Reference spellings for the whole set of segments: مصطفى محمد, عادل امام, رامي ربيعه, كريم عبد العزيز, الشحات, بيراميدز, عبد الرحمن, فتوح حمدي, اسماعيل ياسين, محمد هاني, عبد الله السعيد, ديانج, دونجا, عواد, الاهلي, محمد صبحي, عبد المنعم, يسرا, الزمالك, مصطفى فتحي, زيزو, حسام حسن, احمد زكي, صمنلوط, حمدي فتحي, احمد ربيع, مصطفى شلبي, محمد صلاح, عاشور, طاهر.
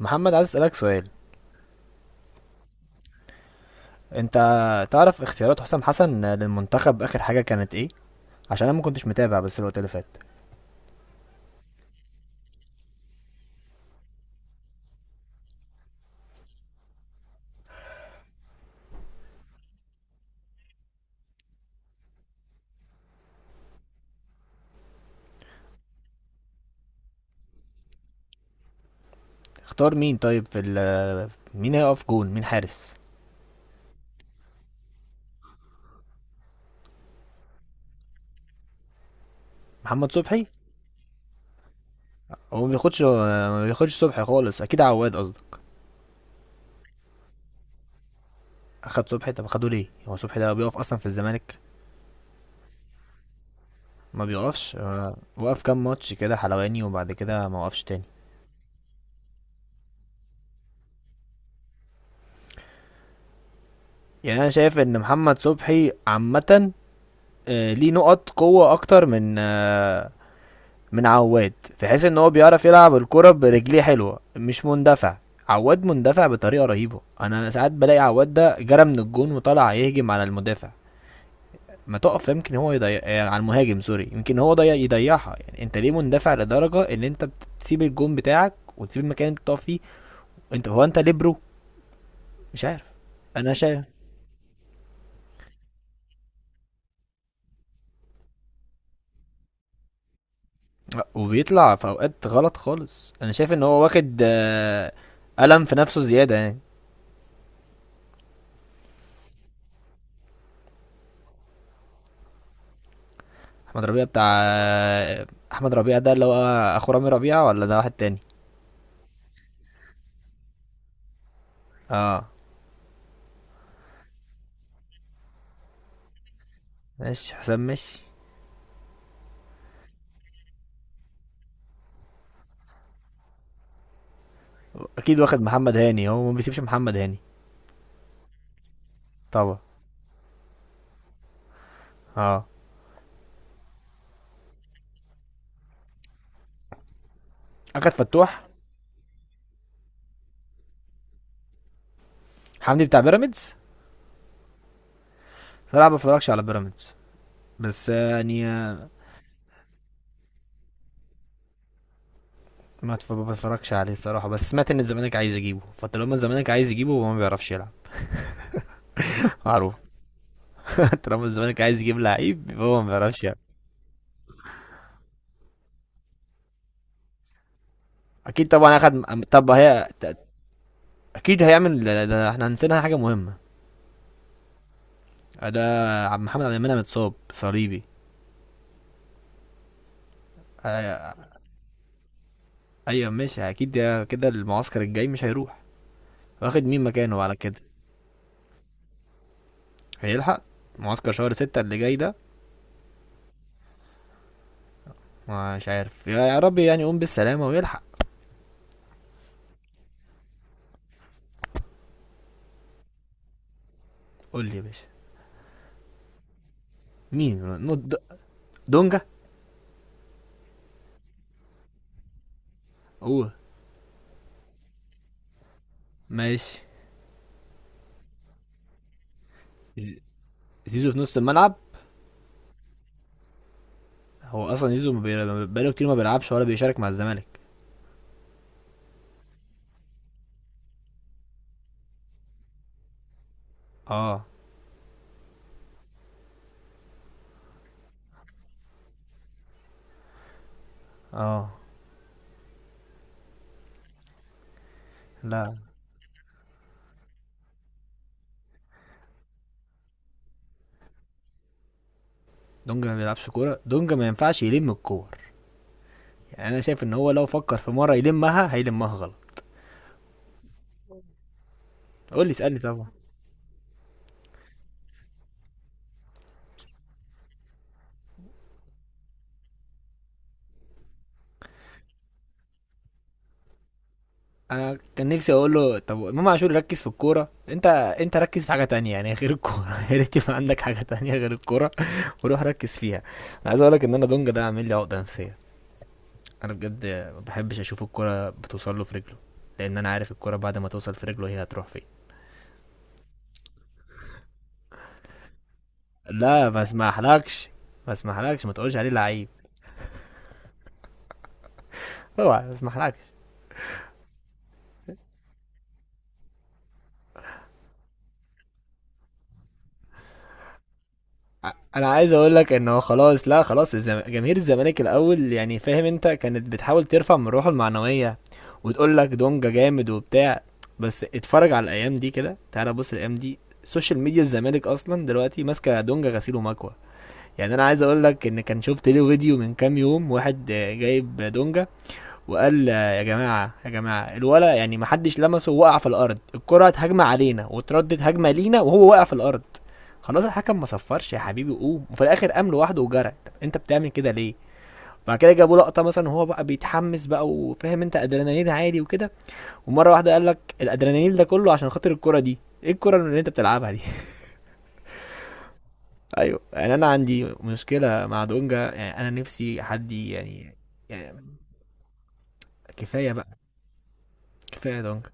محمد عايز اسالك سؤال. انت تعرف اختيارات حسام حسن للمنتخب اخر حاجه كانت ايه؟ عشان انا ما كنتش متابع بس الوقت اللي فات. اختار مين طيب في مين هيقف جون؟ مين حارس؟ محمد صبحي؟ هو ما بياخدش صبحي خالص، اكيد عواد قصدي. اخد صبحي؟ طب اخده ليه؟ هو صبحي ده بيقف اصلا في الزمالك؟ ما بيقفش. وقف كام ماتش كده حلواني وبعد كده ما وقفش تاني. يعني انا شايف ان محمد صبحي عامه ليه نقط قوه اكتر من من عواد، في حيث ان هو بيعرف يلعب الكرة برجليه حلوة، مش مندفع. عواد مندفع بطريقة رهيبة، انا ساعات بلاقي عواد ده جرى من الجون وطلع يهجم على المدافع. ما تقف، يمكن هو يضيع على المهاجم، سوري يمكن هو ضيع يضيعها. يعني انت ليه مندفع لدرجة ان انت بتسيب الجون بتاعك وتسيب المكان اللي انت بتقف فيه؟ انت ليه برو؟ مش عارف. انا شايف وبيطلع في اوقات غلط خالص. انا شايف ان هو واخد ألم في نفسه زيادة يعني. احمد ربيع بتاع، احمد ربيع ده اللي هو اخو رامي ربيعه ولا ده واحد تاني؟ اه. ماشي حسام ماشي. اكيد واخد محمد هاني، هو ما بيسيبش محمد هاني. طبعا. اه. اخد فتوح؟ حمدي بتاع بيراميدز؟ صراحه ما بتفرجش على بيراميدز، بس يعني ما بتفرجش عليه الصراحه، بس سمعت ان الزمالك عايز يجيبه، فطالما الزمالك عايز يجيبه هو ما بيعرفش يلعب، معروف. طالما الزمالك عايز يجيب لعيب، يبقى هو ما بيعرفش يلعب. اكيد طبعا. اخد طب هي اكيد هيعمل ده. احنا نسينا حاجه مهمه. ده عبد محمد عبد المنعم اتصاب صليبي. آه، ايوه ماشي، اكيد ده كده المعسكر الجاي مش هيروح. واخد مين مكانه على كده؟ هيلحق معسكر شهر ستة اللي جاي ده؟ مش عارف، يا رب يعني يقوم بالسلامة ويلحق. قول لي يا باشا. مين نو- د- دونجا هو ماشي. ز- زيزو في نص الملعب؟ هو اصلا زيزو ما بقاله كتير ما بيلعبش ولا بيشارك مع الزمالك. اه. اه. لا، دونجا ما بيلعبش كورة، دونجا ما ينفعش يلم الكور، يعني انا شايف ان هو لو فكر في مرة يلمها هيلمها غلط. قول لي، اسألني طبعا. انا كان نفسي اقول له طب امام عاشور ركز في الكوره، انت انت ركز في حاجه تانية يعني غير الكوره، يا ريت يبقى عندك حاجه تانية غير الكوره وروح ركز فيها. انا عايز اقول لك ان انا دونج ده عامل لي عقده نفسيه، انا بجد ما بحبش اشوف الكوره بتوصل له في رجله، لان انا عارف الكوره بعد ما توصل في رجله هي هتروح فين. لا ما اسمحلكش، ما اسمحلكش ما تقولش عليه لعيب، اوعى، ما اسمحلكش. انا عايز اقول لك انه خلاص، لا خلاص جماهير الزمالك الاول، يعني فاهم انت كانت بتحاول ترفع من روحه المعنويه وتقول لك دونجا جامد وبتاع، بس اتفرج على الايام دي كده، تعالى بص الايام دي سوشيال ميديا الزمالك اصلا دلوقتي ماسكه دونجا غسيل ومكوى. يعني انا عايز اقول لك ان كان شفت له فيديو من كام يوم، واحد جايب دونجا وقال يا جماعه يا جماعه الولا يعني ما حدش لمسه، وقع في الارض، الكره هتهاجم علينا وتردد هجمه لينا وهو واقع في الارض، خلاص الحكم ما صفرش يا حبيبي قوم، وفي الاخر قام لوحده وجرى، طب انت بتعمل كده ليه؟ بعد كده جابوا لقطه مثلا وهو بقى بيتحمس بقى وفاهم انت ادرينالين عالي وكده، ومره واحده قال لك الادرينالين ده كله عشان خاطر الكره دي، ايه الكره اللي انت بتلعبها دي؟ ايوه، يعني انا عندي مشكله مع دونجا، يعني انا نفسي حد يعني، يعني كفايه بقى، كفايه دونجا.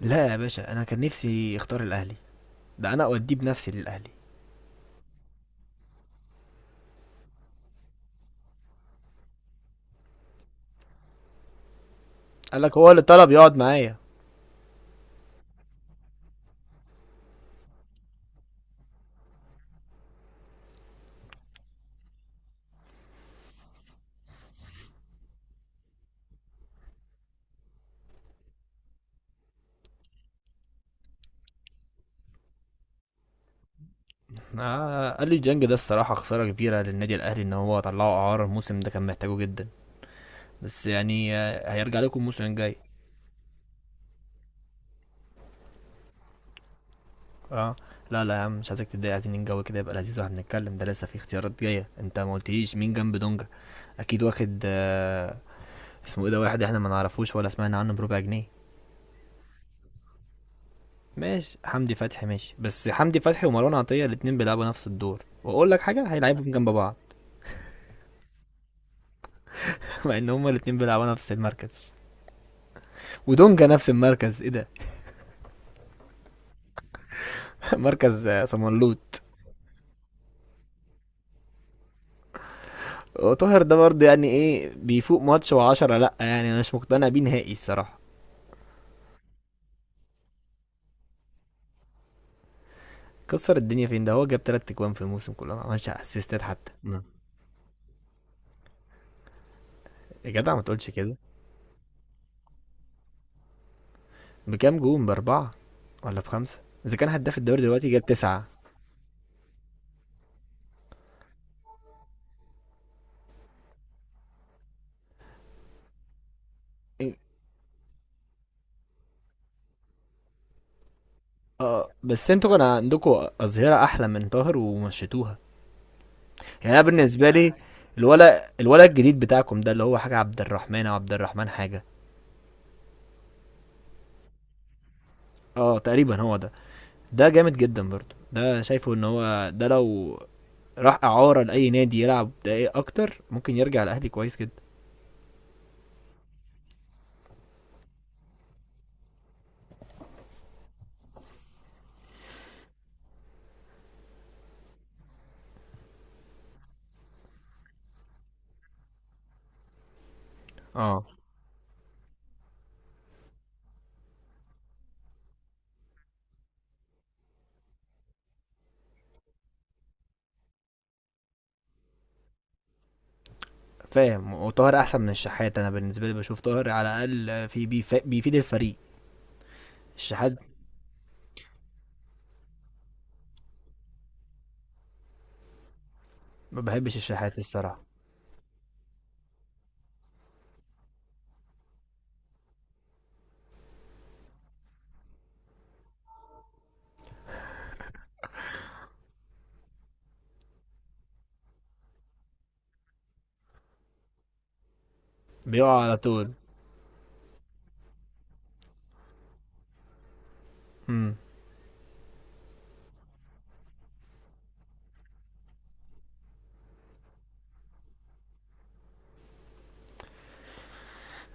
لا يا باشا، انا كان نفسي اختار الاهلي، ده انا اوديه بنفسي للاهلي. قال لك هو اللي طلب يقعد معايا؟ آه. قال لي ديانج ده الصراحه خساره كبيره للنادي الاهلي ان هو طلعه اعاره، الموسم ده كان محتاجه جدا، بس يعني هيرجع لكم الموسم الجاي. اه. لا لا يا عم، مش عايزك تتضايق، عايزين الجو كده يبقى لذيذ واحنا بنتكلم، ده لسه في اختيارات جايه، انت ما قلتليش مين جنب دونجا، اكيد واخد آه اسمه ايه ده، واحد احنا ما نعرفوش ولا سمعنا عنه بربع جنيه. ماشي حمدي فتحي ماشي، بس حمدي فتحي ومروان عطية الاتنين بيلعبوا نفس الدور، واقول لك حاجة، هيلعبهم جنب بعض مع ان هما الاتنين بيلعبوا نفس المركز، ودونجا نفس المركز، ايه ده؟ مركز صمنلوط. وطاهر ده برضه يعني ايه، بيفوق ماتش وعشرة لا، يعني انا مش مقتنع بيه نهائي الصراحة. كسر الدنيا فين ده، هو جاب تلات اجوان في الموسم كله، ما عملش اسيستات حتى. يا جدع ما تقولش كده. بكام جون؟ باربعة ولا بخمسة؟ اذا كان هداف الدوري دلوقتي جاب تسعة. إيه، اه، بس انتوا كان عندكوا أظهرة أحلى من طاهر ومشيتوها، يعني أنا بالنسبة لي. الولد الولد الجديد بتاعكم ده اللي هو حاجة عبد الرحمن أو عبد الرحمن حاجة. اه تقريبا هو ده، ده جامد جدا برضه، ده شايفه ان هو ده لو راح إعارة لأي نادي يلعب دقايق أكتر، ممكن يرجع الأهلي كويس جدا. اه فاهم، وطاهر أحسن من الشحات، أنا بالنسبة لي بشوف طاهر على الأقل بيفيد الفريق. الشحات ما بحبش الشحات الصراحة. بيقع على طول. امم.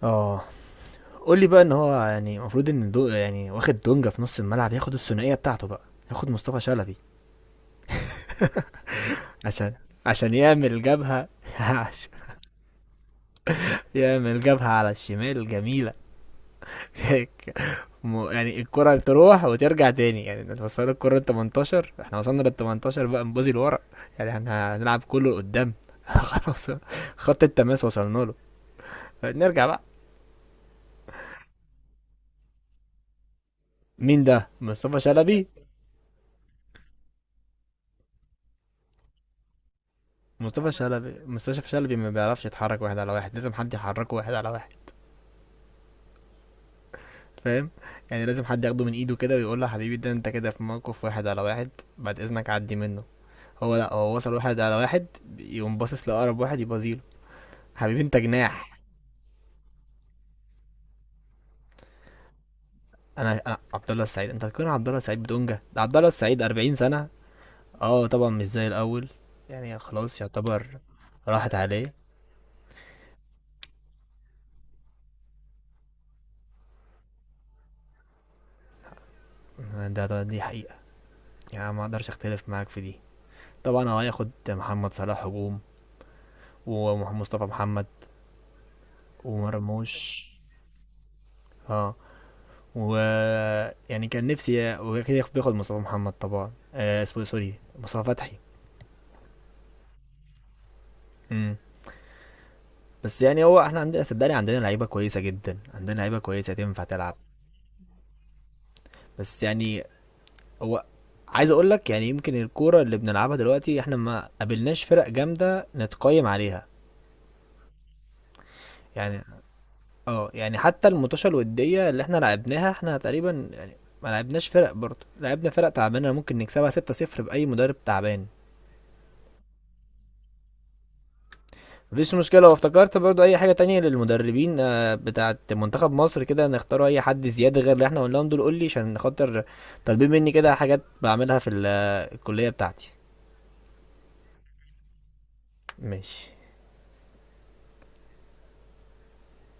اه. قول لي بقى، ان هو يعني المفروض ان دو يعني، واخد دونجا في نص الملعب، ياخد الثنائيه بتاعته بقى، ياخد مصطفى شلبي، عشان عشان يعمل جبهه، عشان يعمل جبهه على الشمال جميله. هيك. يعني الكره تروح وترجع تاني، يعني انت وصلت الكره ال 18، احنا وصلنا لل 18 بقى نبوظي لورا، يعني احنا هنلعب كله لقدام. خلاص، خط التماس وصلنا له، نرجع بقى. مين ده؟ مصطفى شلبي؟ مصطفى شلبي ما بيعرفش يتحرك واحد على واحد، لازم حد يحركه واحد على واحد، فاهم؟ يعني لازم حد ياخده من ايده كده ويقول له حبيبي ده انت كده في موقف واحد على واحد، بعد اذنك عدي منه. هو لا، هو وصل واحد على واحد يقوم باصص لاقرب واحد يبازيله، حبيبي انت جناح. انا عبد الله السعيد، انت هتكون عبد الله السعيد بدونجا؟ ده عبد الله السعيد 40 سنه. اه طبعا مش زي الاول، يعني خلاص يعتبر راحت عليه. ده دي حقيقه، يعني ما اقدرش اختلف معاك في دي. طبعا هو هياخد محمد صلاح هجوم، ومصطفى محمد، ومرموش. اه. و يعني كان نفسي وكده بياخد مصطفى محمد، طبعا آه، اسمه إيه، سوري مصطفى فتحي. امم. بس يعني هو، احنا عندنا صدقني عندنا لعيبه كويسه جدا، عندنا لعيبه كويسه تنفع تلعب. بس يعني هو، عايز اقول لك يعني يمكن الكوره اللي بنلعبها دلوقتي، احنا ما قابلناش فرق جامده نتقيم عليها، يعني اه، يعني حتى الماتشات الوديه اللي احنا لعبناها احنا تقريبا يعني ما لعبناش فرق، برضه لعبنا فرق تعبانه ممكن نكسبها 6-0 باي مدرب تعبان. مفيش مشكلة، وافتكرت برضو أي حاجة تانية للمدربين بتاعة منتخب مصر كده نختاروا أي حد زيادة غير اللي احنا قلناهم دول، قولي، عشان خاطر طالبين مني كده حاجات بعملها الكلية بتاعتي. ماشي.